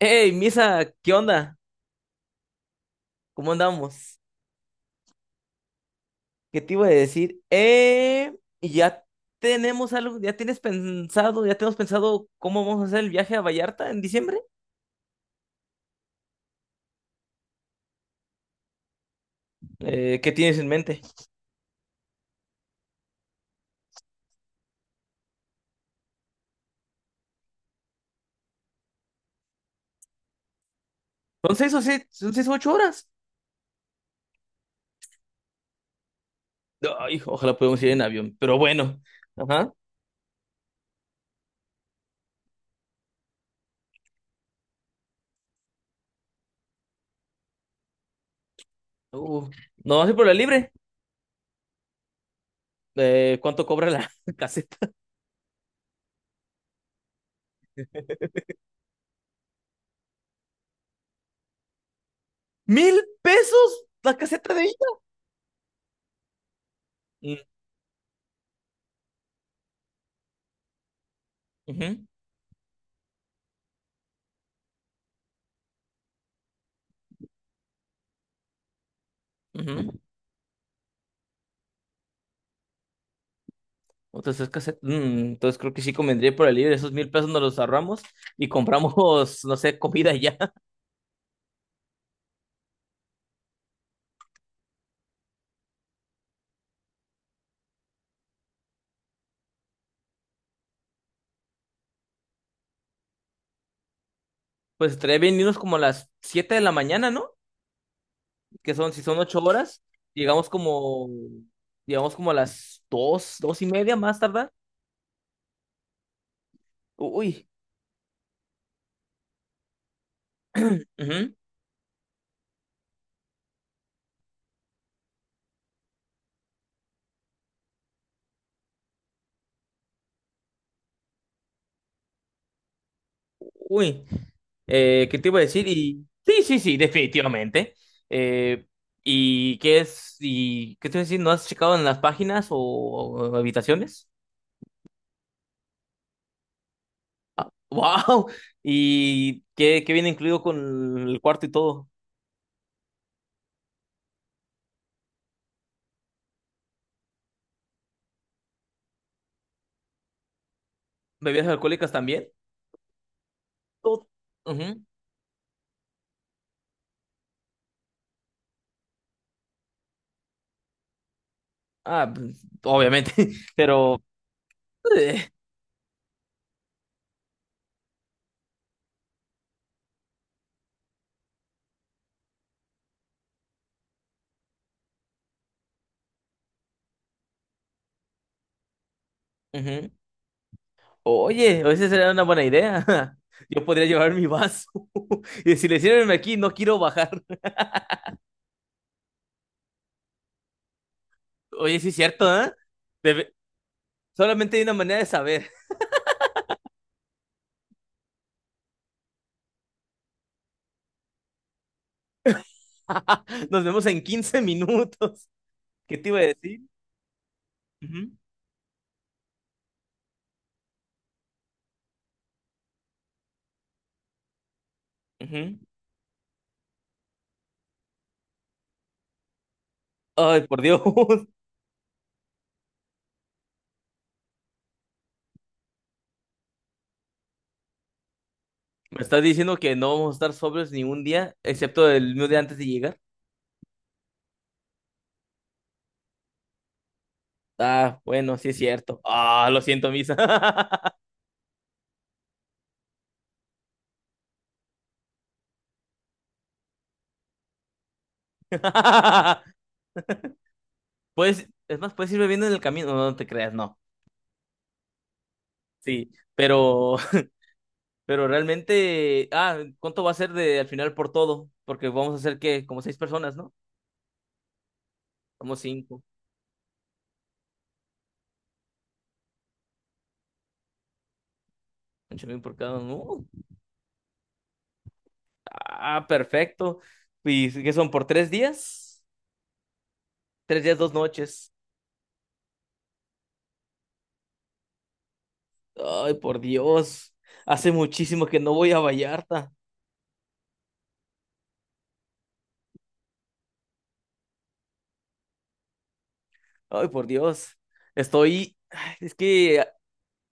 Hey, Misa, ¿qué onda? ¿Cómo andamos? ¿Qué te iba a decir? Y ya tenemos algo, ya tienes pensado, ya tenemos pensado cómo vamos a hacer el viaje a Vallarta en diciembre. ¿Qué tienes en mente? Son 6 o 7, son 6 o 8 horas. Ay, ojalá podamos ir en avión, pero bueno. Ajá. Uh, no vas a ir por la libre. ¿Cuánto cobra la caseta? ¿Mil pesos la caseta de ida? Mm. Ujú. Ujú. Entonces, es cassette. Entonces creo que sí convendría ir por el libre. Esos 1,000 pesos nos los ahorramos y compramos, no sé, comida ya. Pues estaría bien irnos como a las 7 de la mañana, ¿no? Que son, si son 8 horas, llegamos como, llegamos como a las dos y media más tardar. Uy. Ujú. Uy. ¿Qué te iba a decir? Y sí, sí, sí, definitivamente. Eh, ¿Y qué es? ¿Y qué te iba a decir? ¿No has checado en las páginas o habitaciones? Wow. ¿Y qué viene incluido con el cuarto y todo? ¿Bebidas alcohólicas también? Todo. Ujú. Ah, pues, obviamente, pero. eh, Ujú. Oye, esa sería una buena idea. Yo podría llevar mi vaso y decirle, sírveme aquí, no quiero bajar. Oye, sí es cierto, ¿eh? Debe- Solamente hay una manera de saber. Nos vemos en 15 minutos. ¿Qué te iba a decir? Ujú, ujú. Ay, por Dios. ¿Me estás diciendo que no vamos a estar sobrios ni un día, excepto el mismo día antes de llegar? Ah, bueno, sí es cierto. Ah, lo siento, Misa. Pues, es más, puedes ir bebiendo en el camino, no, no te creas, no. Sí, pero, pero realmente, ¿cuánto va a ser de al final por todo? Porque vamos a hacer que como seis personas, ¿no? Somos cinco, 8,000 por cada uno. Perfecto. ¿Y qué son por 3 días? 3 días, 2 noches. Ay, por Dios. Hace muchísimo que no voy a Vallarta. Ay, por Dios. Estoy. Ay, es que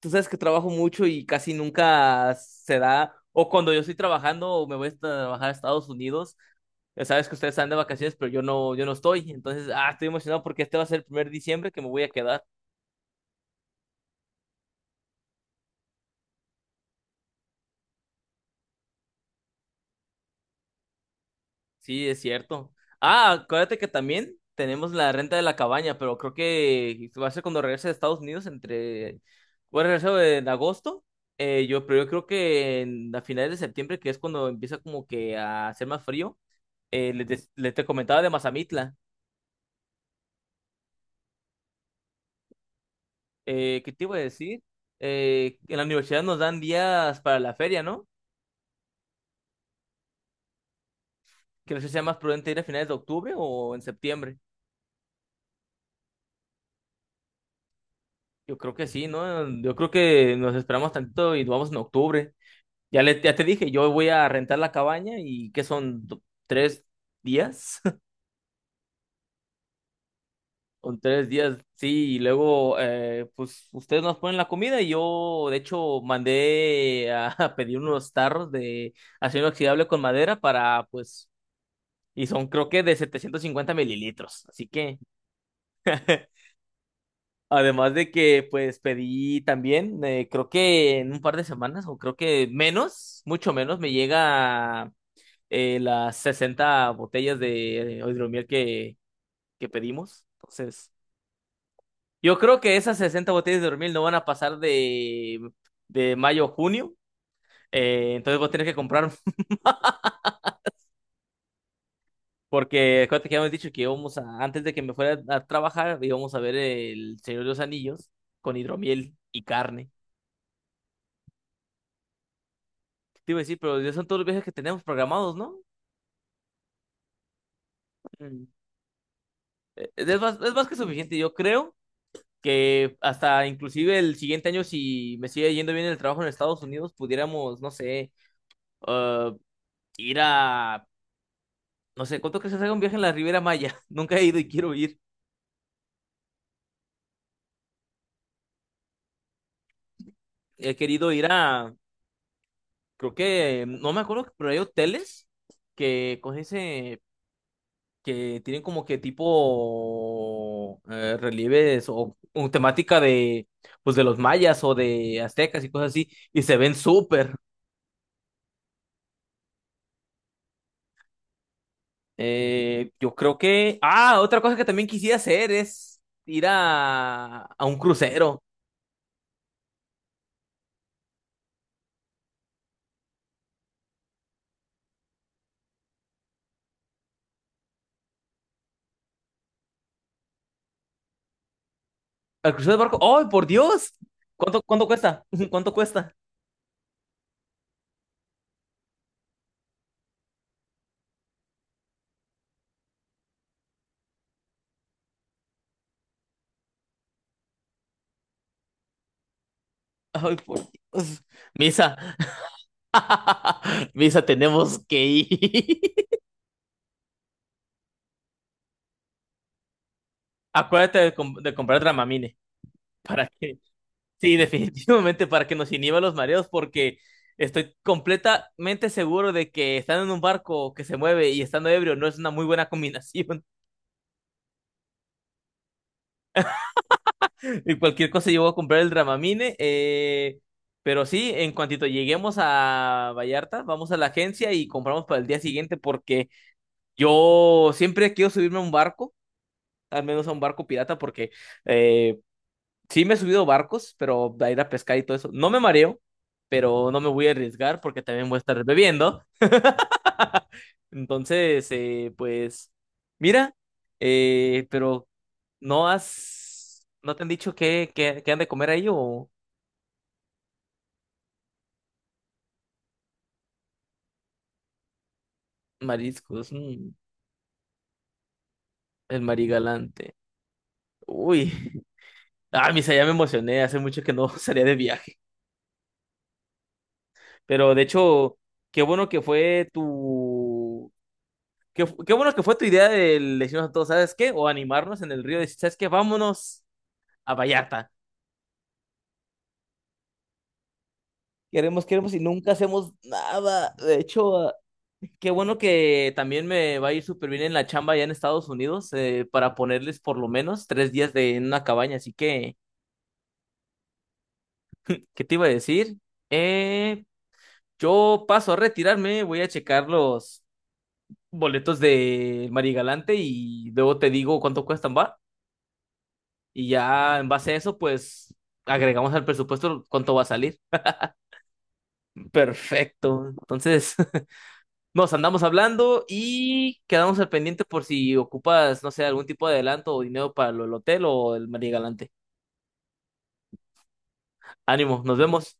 tú sabes que trabajo mucho y casi nunca se da. O cuando yo estoy trabajando, me voy a trabajar a Estados Unidos. Ya sabes que ustedes están de vacaciones, pero yo no estoy. Entonces, estoy emocionado porque este va a ser el primer diciembre que me voy a quedar. Sí, es cierto. Ah, acuérdate que también tenemos la renta de la cabaña, pero creo que va a ser cuando regrese de Estados Unidos entre. Voy a regresar en agosto, pero yo creo que a finales de septiembre, que es cuando empieza como que a hacer más frío, les te comentaba de Mazamitla. ¿Qué te iba a decir? En la universidad nos dan días para la feria, ¿no? Que no sé si sea más prudente ir a finales de octubre o en septiembre. Yo creo que sí, ¿no? Yo creo que nos esperamos tantito y nos vamos en octubre. Ya, ya te dije, yo voy a rentar la cabaña y ¿qué son? ¿3 días? Son 3 días, sí, y luego pues ustedes nos ponen la comida y yo de hecho mandé a, a pedir unos tarros de acero inoxidable con madera para pues, y son creo que de 750 ml, así que además de que pues pedí también, creo que en un par de semanas o creo que menos, mucho menos, me llega las 60 botellas de hidromiel que pedimos. Entonces, yo creo que esas 60 botellas de hidromiel no van a pasar de mayo a junio. Entonces voy a tener que comprar, porque acuérdate que habíamos dicho que íbamos a, antes de que me fuera a trabajar, íbamos a ver el Señor de los Anillos con hidromiel y carne. Te iba a decir, pero ya son todos los viajes que tenemos programados, ¿no? Mm. Es más que suficiente, yo creo. Que hasta inclusive el siguiente año, si me sigue yendo bien el trabajo en Estados Unidos, pudiéramos, no sé, ah, ir a, no sé, ¿cuánto crees que se haga un viaje en la Riviera Maya? Nunca he ido y quiero ir. He querido ir a, creo que, no me acuerdo, pero hay hoteles que con ese, que tienen como que tipo relieves o temática de, pues de los mayas o de aztecas y cosas así, y se ven súper. Yo creo que. Ah, otra cosa que también quisiera hacer es ir a un crucero. Al crucero de barco. ¡Ay, por Dios! ¿Cuánto cuesta? ¿Cuánto cuesta? ¡Ay, por Dios! Misa. Misa, tenemos que ir. Acuérdate de comprar Dramamine. ¿Para que? Sí, definitivamente para que nos inhiba los mareos, porque estoy completamente seguro de que estando en un barco que se mueve y estando ebrio no es una muy buena combinación. Y cualquier cosa yo voy a comprar el Dramamine. Pero sí, en cuantito lleguemos a Vallarta, vamos a la agencia y compramos para el día siguiente porque yo siempre quiero subirme a un barco, al menos a un barco pirata, porque eh, sí me he subido barcos, pero a ir a pescar y todo eso. No me mareo, pero no me voy a arriesgar porque también voy a estar bebiendo. Entonces, pues, mira, pero no te han dicho qué han de comer ahí o...? Mariscos. El marigalante. Uy, Misa, ya me emocioné, hace mucho que no salía de viaje. Pero de hecho, qué bueno que fue tu. Qué bueno que fue tu idea de decirnos a todos, ¿sabes qué? O animarnos en el río, decir, ¿sabes qué? Vámonos a Vallarta. Queremos, queremos y nunca hacemos nada. De hecho, qué bueno que también me va a ir súper bien en la chamba allá en Estados Unidos para ponerles por lo menos 3 días en una cabaña. Así que, ¿qué te iba a decir? Eh, Yo paso a retirarme, voy a checar los boletos de Marigalante y luego te digo cuánto cuestan, ¿va? Y ya en base a eso, pues agregamos al presupuesto cuánto va a salir. Perfecto. Entonces, nos andamos hablando y quedamos al pendiente por si ocupas, no sé, algún tipo de adelanto o dinero para lo del hotel o el Marigalante. Ánimo, nos vemos.